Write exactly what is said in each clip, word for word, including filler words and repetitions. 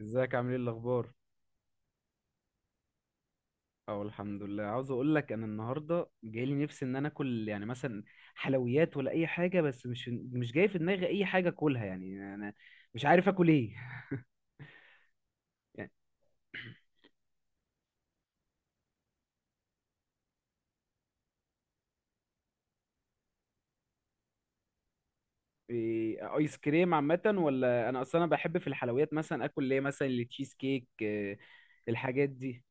ازيك، عامل ايه الاخبار؟ اه، الحمد لله. عاوز اقول لك انا النهارده جاي لي نفسي ان انا اكل يعني مثلا حلويات ولا اي حاجه، بس مش مش جاي في دماغي اي حاجه اكلها، يعني انا مش عارف اكل ايه. يعني إيه؟ ايس كريم عامه، ولا انا اصلا انا بحب في الحلويات مثلا اكل ليه مثلا التشيز كيك، آه، الحاجات دي.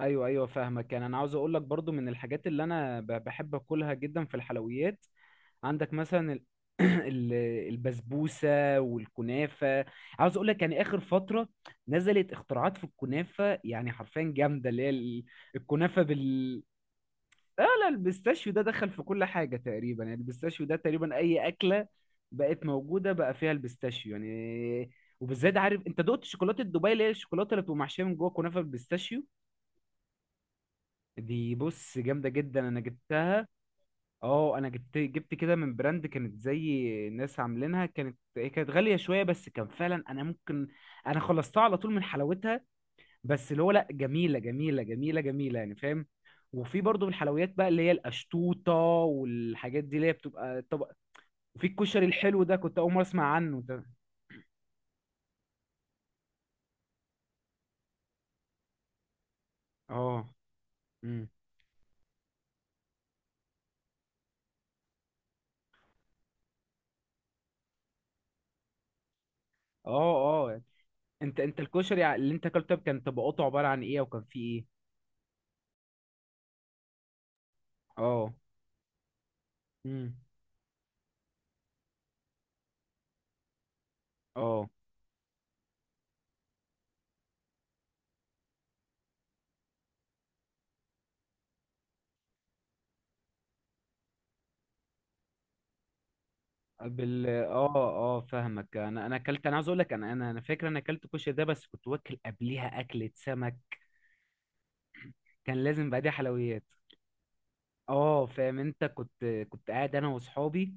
ايوه، ايوه، فاهمك. يعني انا عاوز اقول لك برضو من الحاجات اللي انا ب- بحب اكلها جدا في الحلويات، عندك مثلا ال- البسبوسه والكنافه. عاوز اقول لك يعني اخر فتره نزلت اختراعات في الكنافه، يعني حرفيا جامده. اللي هي ال- الكنافه بال لا، لا، البيستاشيو ده دخل في كل حاجه تقريبا، يعني البيستاشيو ده تقريبا اي اكله بقت موجوده بقى فيها البيستاشيو يعني. وبالذات عارف انت دقت شوكولاته دبي اللي هي الشوكولاته اللي بتبقى محشيه من جوه كنافه بالبيستاشيو؟ دي بص جامده جدا، انا جبتها. اه، انا جبت جبت كده من براند، كانت زي ناس عاملينها، كانت هي كانت غاليه شويه، بس كان فعلا انا ممكن انا خلصتها على طول من حلاوتها، بس اللي هو لا، جميله جميله جميله جميله، يعني فاهم. وفي برضو من الحلويات بقى اللي هي القشطوطه والحاجات دي، اللي هي بتبقى طبق. وفي الكشري الحلو ده، كنت اول مره اسمع عنه ده. اه. امم. اه. اه. انت انت الكشري اللي انت اكلته كان طبقاته عباره عن ايه، وكان فيه ايه؟ اه. امم. اه. بال اه، اه، فاهمك. انا انا اكلت انا عاوز اقول لك، انا انا انا فاكر انا اكلت كشري ده، بس كنت واكل قبليها اكلة سمك، كان لازم بقى دي حلويات. اه، فاهم. انت كنت كنت قاعد انا واصحابي،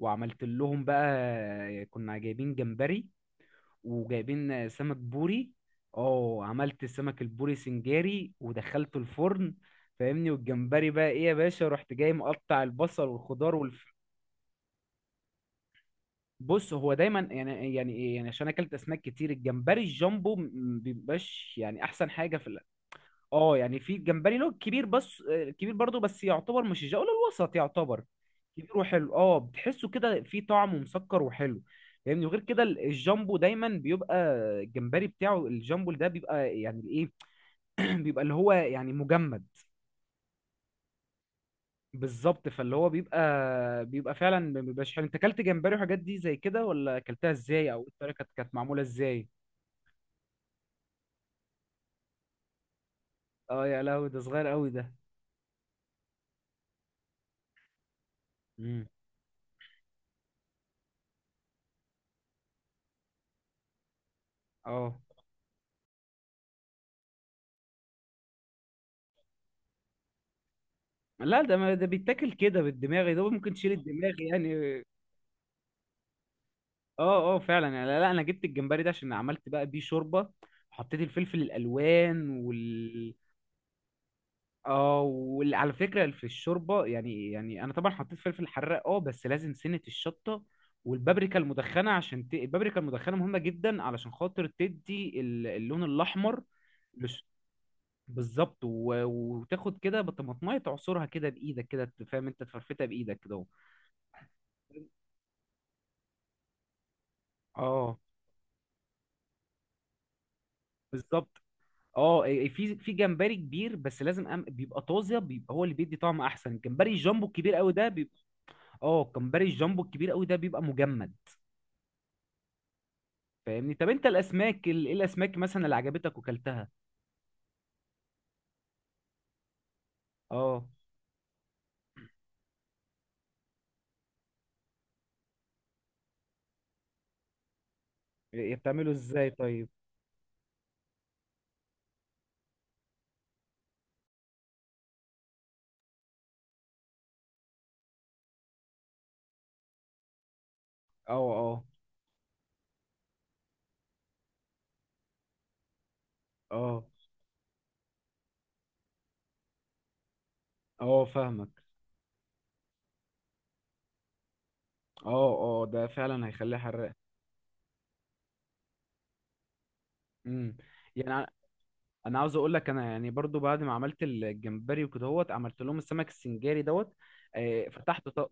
وعملت لهم بقى، كنا جايبين جمبري وجايبين سمك بوري. اه، عملت السمك البوري سنجاري ودخلته الفرن. فاهمني؟ والجمبري بقى ايه يا باشا، رحت جاي مقطع البصل والخضار. بص، هو دايما يعني يعني ايه يعني، عشان اكلت اسماك كتير، الجمبري الجامبو م- م- بيبقاش يعني احسن حاجه في الأكل. اه، يعني في جمبري له كبير بس، آه، كبير برضه، بس يعتبر مش الجو الوسط، يعتبر كبير وحلو. اه، بتحسه كده فيه طعم ومسكر وحلو يعني. وغير كده ال- الجامبو دايما بيبقى، الجمبري بتاعه الجامبو ده بيبقى يعني الايه، بيبقى اللي هو يعني مجمد. بالظبط، فاللي هو بيبقى، بيبقى فعلا ما بيبقاش حلو. انت اكلت جمبري وحاجات دي زي كده، ولا اكلتها ازاي؟ او إيه الطريقه، كانت كانت معموله ازاي؟ اه يا لهوي، ده صغير قوي ده. مم. اه، لا ده، ما ده بيتاكل كده بالدماغ، ده ممكن تشيل الدماغ يعني. اه، اه، فعلا يعني. لا, لا، انا جبت الجمبري ده عشان عملت بقى بيه شوربه. حطيت الفلفل الالوان وال اه، وعلى فكره في الشوربه يعني يعني انا طبعا حطيت فلفل حراق، اه، بس لازم سنه الشطه والبابريكا المدخنه عشان ت... البابريكا المدخنه مهمه جدا علشان خاطر تدي ال- اللون الاحمر. بالظبط، و... وتاخد كده بطماطمايه، تعصرها كده بايدك كده، ت- فاهم؟ انت تفرفتها بايدك كده اهو. اه، بالظبط. اه، إيه، في في جمبري كبير بس لازم أم... بيبقى طازه، بيبقى هو اللي بيدي طعم احسن. الجمبري الجامبو الكبير قوي ده بيبقى، اه، الجمبري الجامبو الكبير قوي ده بيبقى مجمد. فاهمني؟ طب انت الاسماك ال- ايه الاسماك مثلا اللي عجبتك وكلتها؟ اه. إيه، بتعمله ازاي طيب؟ اه، اه، اه، اه، فاهمك. اه، اه، ده فعلا هيخليها حراق. امم. يعني انا عاوز اقول لك، انا يعني برضو بعد ما عملت الجمبري وكده هوت، عملت لهم السمك السنجاري دوت. آه، فتحته ط-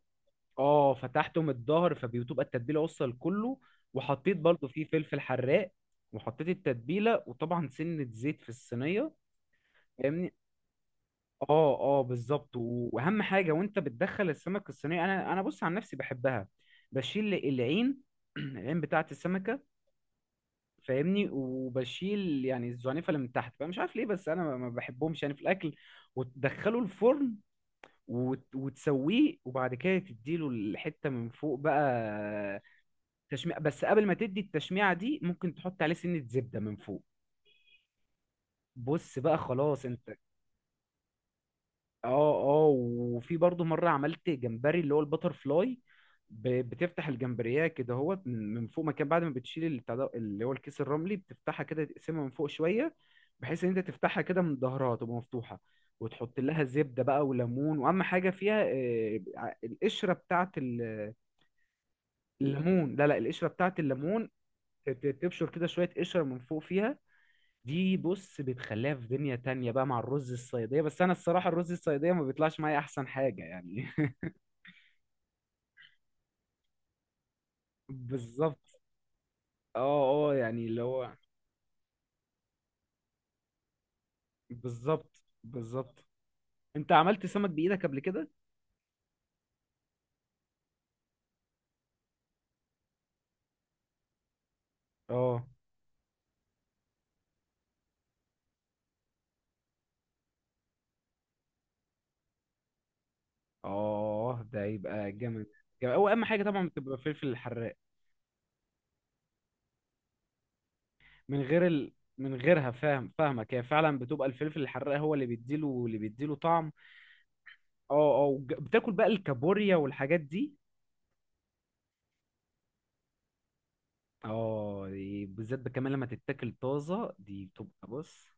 اه، فتحته من الظهر، فبتبقى التتبيله وصل كله. وحطيت برضو فيه فلفل حراق، وحطيت التتبيله، وطبعا سنه زيت في الصينيه. فاهمني؟ اه، اه، بالظبط. و- واهم حاجه وانت بتدخل السمك الصينيه، انا، انا بص عن نفسي، بحبها بشيل العين. العين بتاعه السمكه. فاهمني؟ وبشيل يعني الزعنفه اللي من تحت بقى، مش عارف ليه بس انا ما ما بحبهمش يعني في الاكل. وتدخله الفرن، وت- وتسويه، وبعد كده تديله الحته من فوق بقى. تشميع، بس قبل ما تدي التشميعه دي ممكن تحط عليه سنه زبده من فوق. بص بقى، خلاص انت. اه، اه، وفي برضه مره عملت جمبري اللي هو البتر فلاي. ب- بتفتح الجمبريه كده، هو من من فوق مكان، بعد ما بتشيل البتاع ده- اللي هو الكيس الرملي، بتفتحها كده، تقسمها من فوق شويه، بحيث ان انت تفتحها كده من ظهرها تبقى مفتوحه، وتحط لها زبده بقى وليمون. واهم حاجه فيها آه، ع- القشره بتاعه ال- الليمون. لا، لا، القشره بتاعه الليمون، ت- ت- تبشر كده شويه قشره من فوق فيها. دي بص بتخليها في دنيا تانية بقى مع الرز الصيادية، بس أنا الصراحة الرز الصيادية ما بيطلعش معايا أحسن حاجة يعني. بالظبط، اه، اه، يعني اللي هو بالظبط، بالظبط. أنت عملت سمك بإيدك قبل كده؟ اه، اه، ده يبقى جامد. جامد. هو أهم حاجة طبعا بتبقى الفلفل الحراق، من غير ال... من غيرها، فاهم؟ فاهمك، هي فعلا بتبقى الفلفل الحراق هو اللي بيديله اللي بيديله طعم. اه، اه، وج- بتاكل بقى الكابوريا والحاجات دي؟ اه، دي بالذات بقى كمان لما تتاكل طازه، دي بتبقى بص.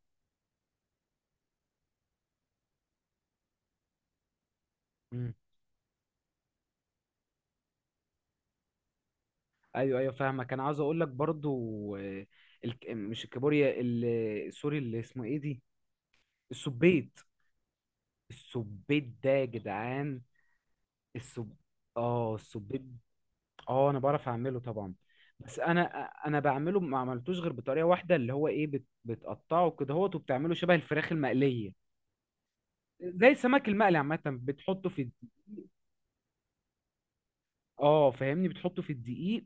مم. ايوه، ايوه، فاهمك. انا عاوز اقول لك برضو آه، الك... مش الكابوريا، ال- سوري، اللي اسمه ايه دي، السبيت. السبيت ده يا جدعان. السب اه السبيت. اه، انا بعرف اعمله طبعا، بس انا انا بعمله ما عملتوش غير بطريقه واحده اللي هو ايه، بت... بتقطعه كده هوت وبتعمله شبه الفراخ المقليه، زي السمك المقلي عامه، بتحطه في الد- اه، فاهمني، بتحطه في الدقيق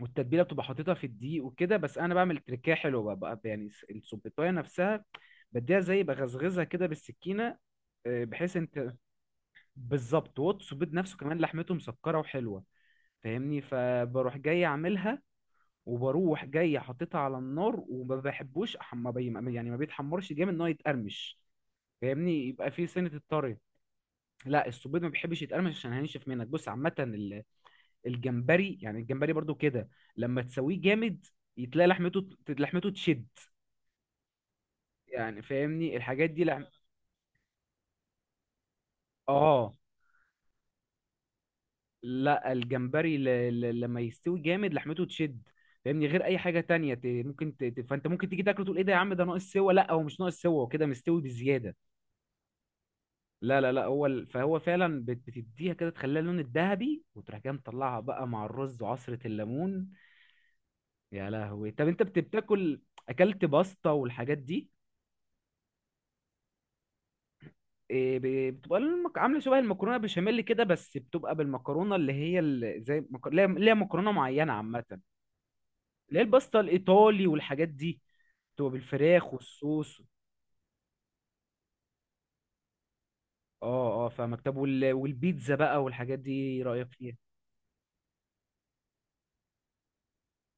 والتتبيله، بتبقى حاططها في الدقيق وكده. بس انا بعمل تركايه حلوه بقى، بقى يعني الس- السبيطايه نفسها، بديها زي بغزغزها كده بالسكينه، آه، بحيث انت، بالظبط. والسبيط نفسه كمان لحمته مسكره وحلوه، فاهمني؟ فبروح جاي اعملها، وبروح جاي حاططها على النار، وما بحبوش أح- ما بي... ما- يعني ما بيتحمرش جامد ان هو يتقرمش. فاهمني؟ يبقى فيه سنه الطري. لا، السبيط ما بيحبش يتقرمش عشان هينشف منك، بص عامه. الجمبري، يعني الجمبري برضو كده، لما تسويه جامد، يتلاقي لحمته لحمته تشد يعني، فاهمني؟ الحاجات دي لحم... اه، لا الجمبري، ل... ل... لما يستوي جامد، لحمته تشد، فاهمني، غير اي حاجه تانية. ت... ممكن ت... ت- فانت ممكن تيجي تاكله، تقول ايه ده يا عم، ده ناقص سوا. لا، هو مش ناقص سوا، هو كده مستوي بزياده. لا، لا، لا، هو ال... فهو فعلا بت... بتديها كده، تخليها اللون الذهبي، وتروح جاي مطلعها بقى مع الرز وعصره الليمون. يا لهوي، طب انت بت- بتاكل اكلت باستا والحاجات دي؟ إيه، ب- بتبقى المك- عامله شبه المكرونه بشاميل كده، بس بتبقى بالمكرونه اللي هي ال- زي مك- اللي هي اللي هي مكرونه معينه عامه، اللي هي الباستا الايطالي والحاجات دي، بتبقى بالفراخ والصوص. اه، اه، فاهمك. طب وال- والبيتزا بقى والحاجات دي إيه رايك فيها؟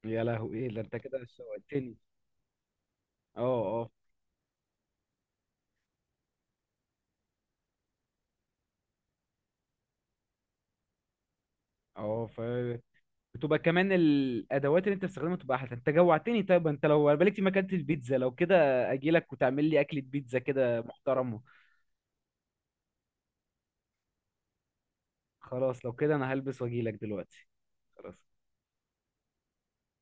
يا لهوي، ايه ده، انت كده شوقتني. اه، اه، اه، ف بتبقى كمان الادوات اللي انت بتستخدمها بتبقى احلى. انت جوعتني، طيب انت لو بالك دي، ما كانت البيتزا لو كده اجي لك وتعمل لي اكله بيتزا كده محترمه. خلاص، لو كده انا هلبس واجي لك دلوقتي. خلاص.